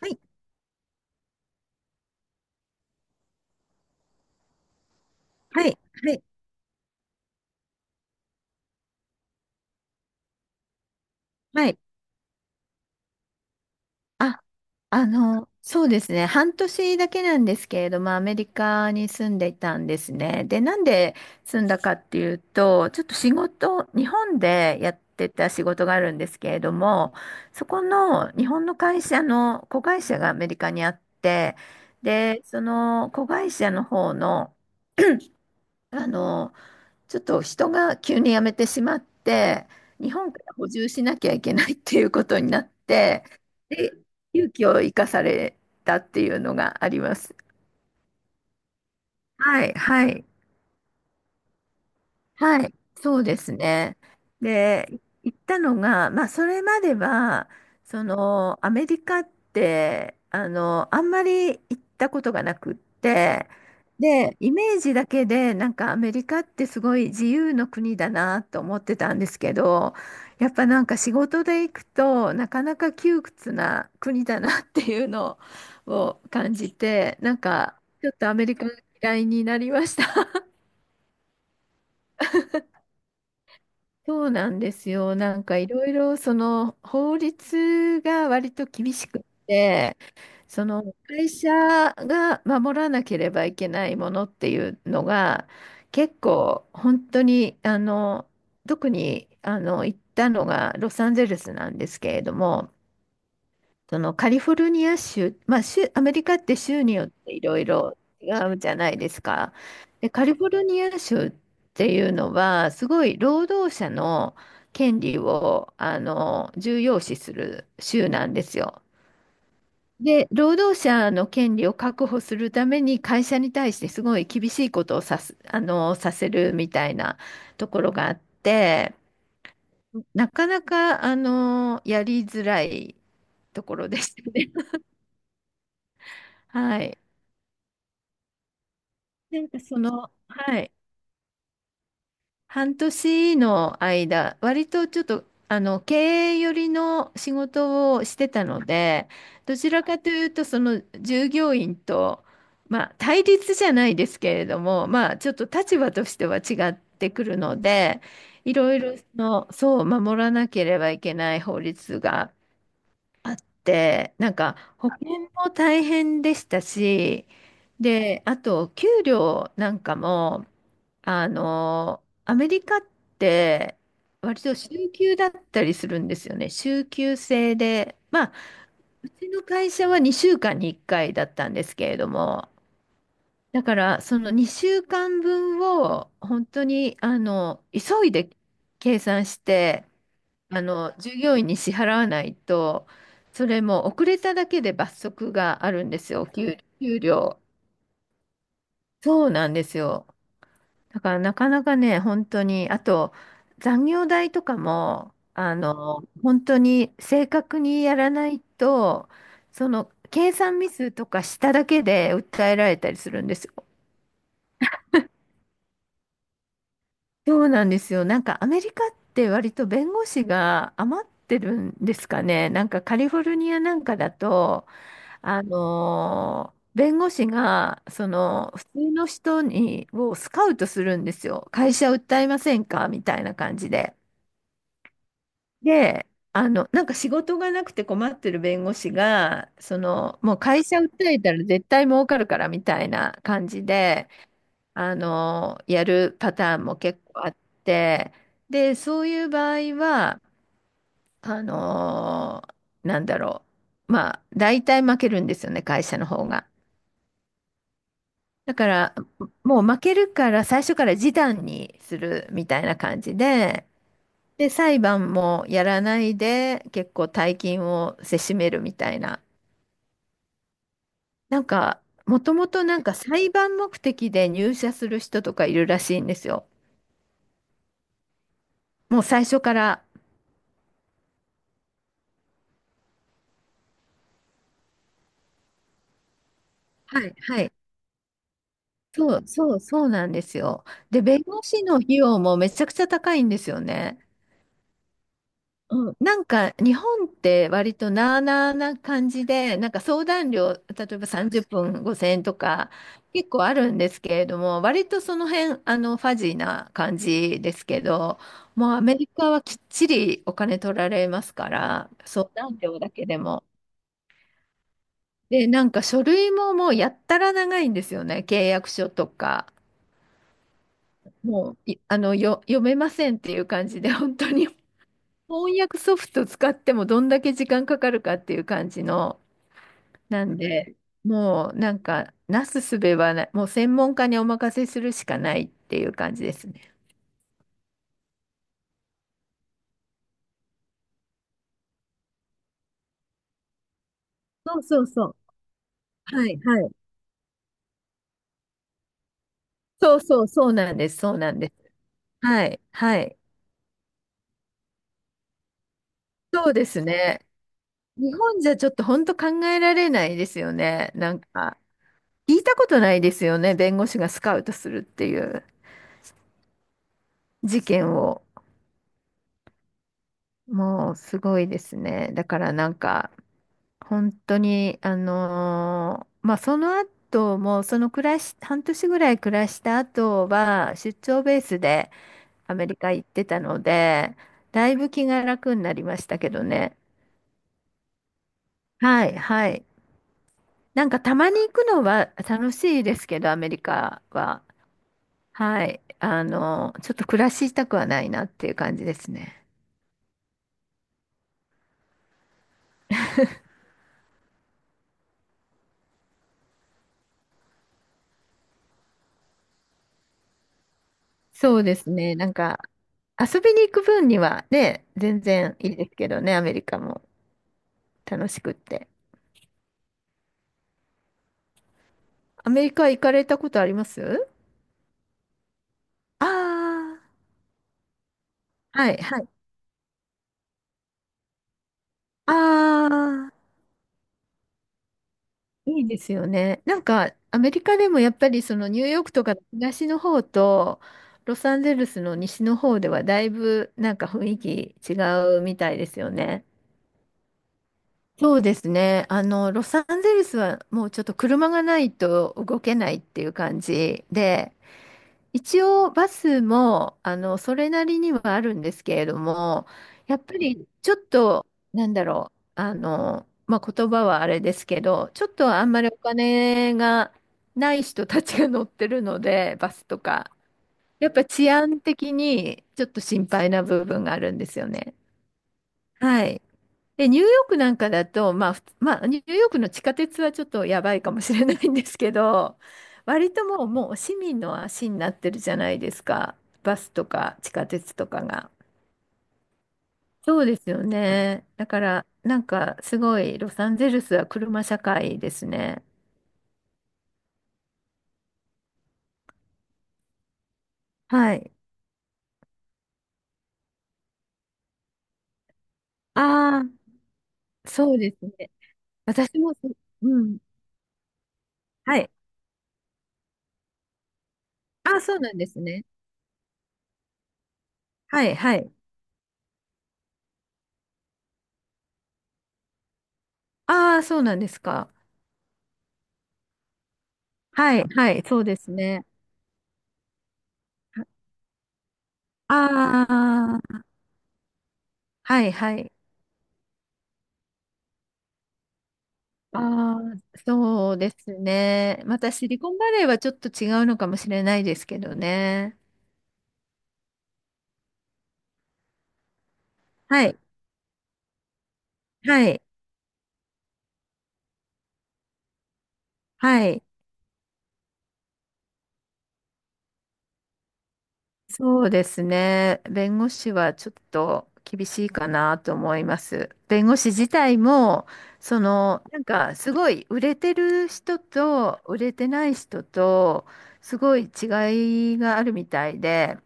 はい、はい、はい、はい。あ、そうですね。半年だけなんですけれども、アメリカに住んでいたんですね。で、なんで住んだかっていうと、ちょっと仕事、日本でやってた仕事があるんですけれども、そこの日本の会社の子会社がアメリカにあって、で、その子会社の方の、あの、ちょっと人が急に辞めてしまって、日本から補充しなきゃいけないっていうことになって、で、勇気を生かされたっていうのがあります。はい、はい。はい、そうですね。で、行ったのが、まあ、それまでは、その、アメリカって、あんまり行ったことがなくって、で、イメージだけで、なんかアメリカってすごい自由の国だなと思ってたんですけど、やっぱなんか仕事で行くと、なかなか窮屈な国だなっていうのを感じて、なんか、ちょっとアメリカが嫌いになりました。そうなんですよ。なんかいろいろその法律が割と厳しく、その会社が守らなければいけないものっていうのが結構本当に特に行ったのがロサンゼルスなんですけれども、そのカリフォルニア州、まあ、州、アメリカって州によっていろいろ違うじゃないですか。で、カリフォルニア州っていうのは、すごい労働者の権利を重要視する州なんですよ。で、労働者の権利を確保するために会社に対してすごい厳しいことをさす、あの、させるみたいなところがあって、なかなかやりづらいところでしたね。はい。なんかその、はい、半年の間、割とちょっと、経営寄りの仕事をしてたので、どちらかというと、その従業員と、まあ、対立じゃないですけれども、まあ、ちょっと立場としては違ってくるので、いろいろ守らなければいけない法律があって、なんか保険も大変でしたし、で、あと給料なんかも、アメリカって割と週休だったりするんですよね。週休制で、まあ、うちの会社は2週間に1回だったんですけれども、だからその2週間分を本当に急いで計算して、従業員に支払わないと、それも遅れただけで罰則があるんですよ、給料。そうなんですよ。だからなかなかね、本当に、あと残業代とかも、本当に正確にやらないと、その計算ミスとかしただけで訴えられたりするんですよ。そうなんですよ。なんかアメリカって割と弁護士が余ってるんですかね。なんかカリフォルニアなんかだと、弁護士が、普通の人をスカウトするんですよ。会社訴えませんかみたいな感じで。で、なんか仕事がなくて困ってる弁護士が、もう会社訴えたら絶対儲かるからみたいな感じで、やるパターンも結構あって、で、そういう場合は、あのなんだろまあ、大体負けるんですよね、会社の方が。だから、もう負けるから最初から示談にするみたいな感じで、で、裁判もやらないで、結構大金をせしめるみたいな。なんか、もともとなんか裁判目的で入社する人とかいるらしいんですよ。もう最初から。はい、はい。そう、そう、そうなんですよ。で、弁護士の費用もめちゃくちゃ高いんですよね。うん、なんか日本って割となあなあな感じで、なんか相談料、例えば30分5000円とか結構あるんですけれども、割とその辺、ファジーな感じですけど、もうアメリカはきっちりお金取られますから、相談料だけでも。で、なんか書類ももうやったら長いんですよね、契約書とか。もう、いあの、よ、読めませんっていう感じで、本当に翻訳ソフト使ってもどんだけ時間かかるかっていう感じの、なんで、もうなんか、なすすべはない、もう専門家にお任せするしかないっていう感じですね。そうそうそう。はい、はい。そうそう、そうなんです、そうなんです。はい、はい。そうですね。日本じゃちょっと本当考えられないですよね。なんか、聞いたことないですよね。弁護士がスカウトするっていう事件を。もうすごいですね。だからなんか、本当に、まあ、その後も、その暮らし、半年ぐらい暮らした後は、出張ベースでアメリカ行ってたので、だいぶ気が楽になりましたけどね。はい、はい。なんかたまに行くのは楽しいですけど、アメリカは。はい。ちょっと暮らしたくはないなっていう感じですね。そうですね。なんか、遊びに行く分にはね、全然いいですけどね、アメリカも楽しくって。アメリカ行かれたことありますああー、はい、はい。ああ、いいですよね。なんか、アメリカでもやっぱりそのニューヨークとか東の方と、ロサンゼルスの西の方ではだいぶなんか雰囲気違うみたいですよね。そうですね。ロサンゼルスはもうちょっと車がないと動けないっていう感じで、一応バスもそれなりにはあるんですけれどもやっぱりちょっとまあ、言葉はあれですけどちょっとあんまりお金がない人たちが乗ってるのでバスとかやっぱ治安的にちょっと心配な部分があるんですよね。はい。で、ニューヨークなんかだと、まあ、ニューヨークの地下鉄はちょっとやばいかもしれないんですけど、割ともう、もう市民の足になってるじゃないですか。バスとか地下鉄とかが。そうですよね。だから、なんかすごい、ロサンゼルスは車社会ですね。はい。ああ、そうですね。私もそ、うん。はい。ああ、そうなんですね。はい、はい。ああ、そうなんですか。はい、はい、そうですね。ああ。はいはい。ああ、そうですね。またシリコンバレーはちょっと違うのかもしれないですけどね。はい。はい。はい。そうですね。弁護士はちょっと厳しいかなと思います。弁護士自体も、なんかすごい売れてる人と売れてない人と、すごい違いがあるみたいで、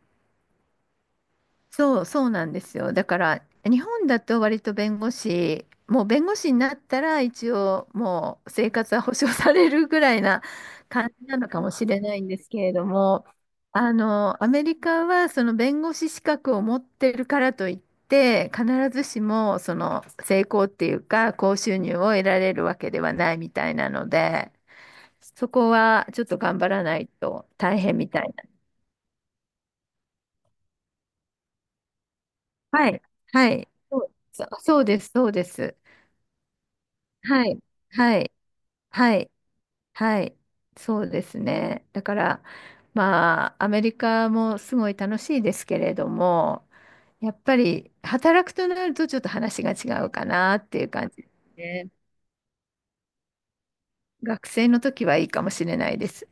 そうなんですよ。だから、日本だと割と弁護士になったら一応もう生活は保障されるぐらいな感じなのかもしれないんですけれども、アメリカはその弁護士資格を持ってるからといって、必ずしもその成功っていうか、高収入を得られるわけではないみたいなので、そこはちょっと頑張らないと大変みたいな。はい。はい。そう、そそうです、そうです。はい、はい、はい、はい、そうですね。だから、まあ、アメリカもすごい楽しいですけれども、やっぱり働くとなるとちょっと話が違うかなっていう感じですね。学生の時はいいかもしれないです。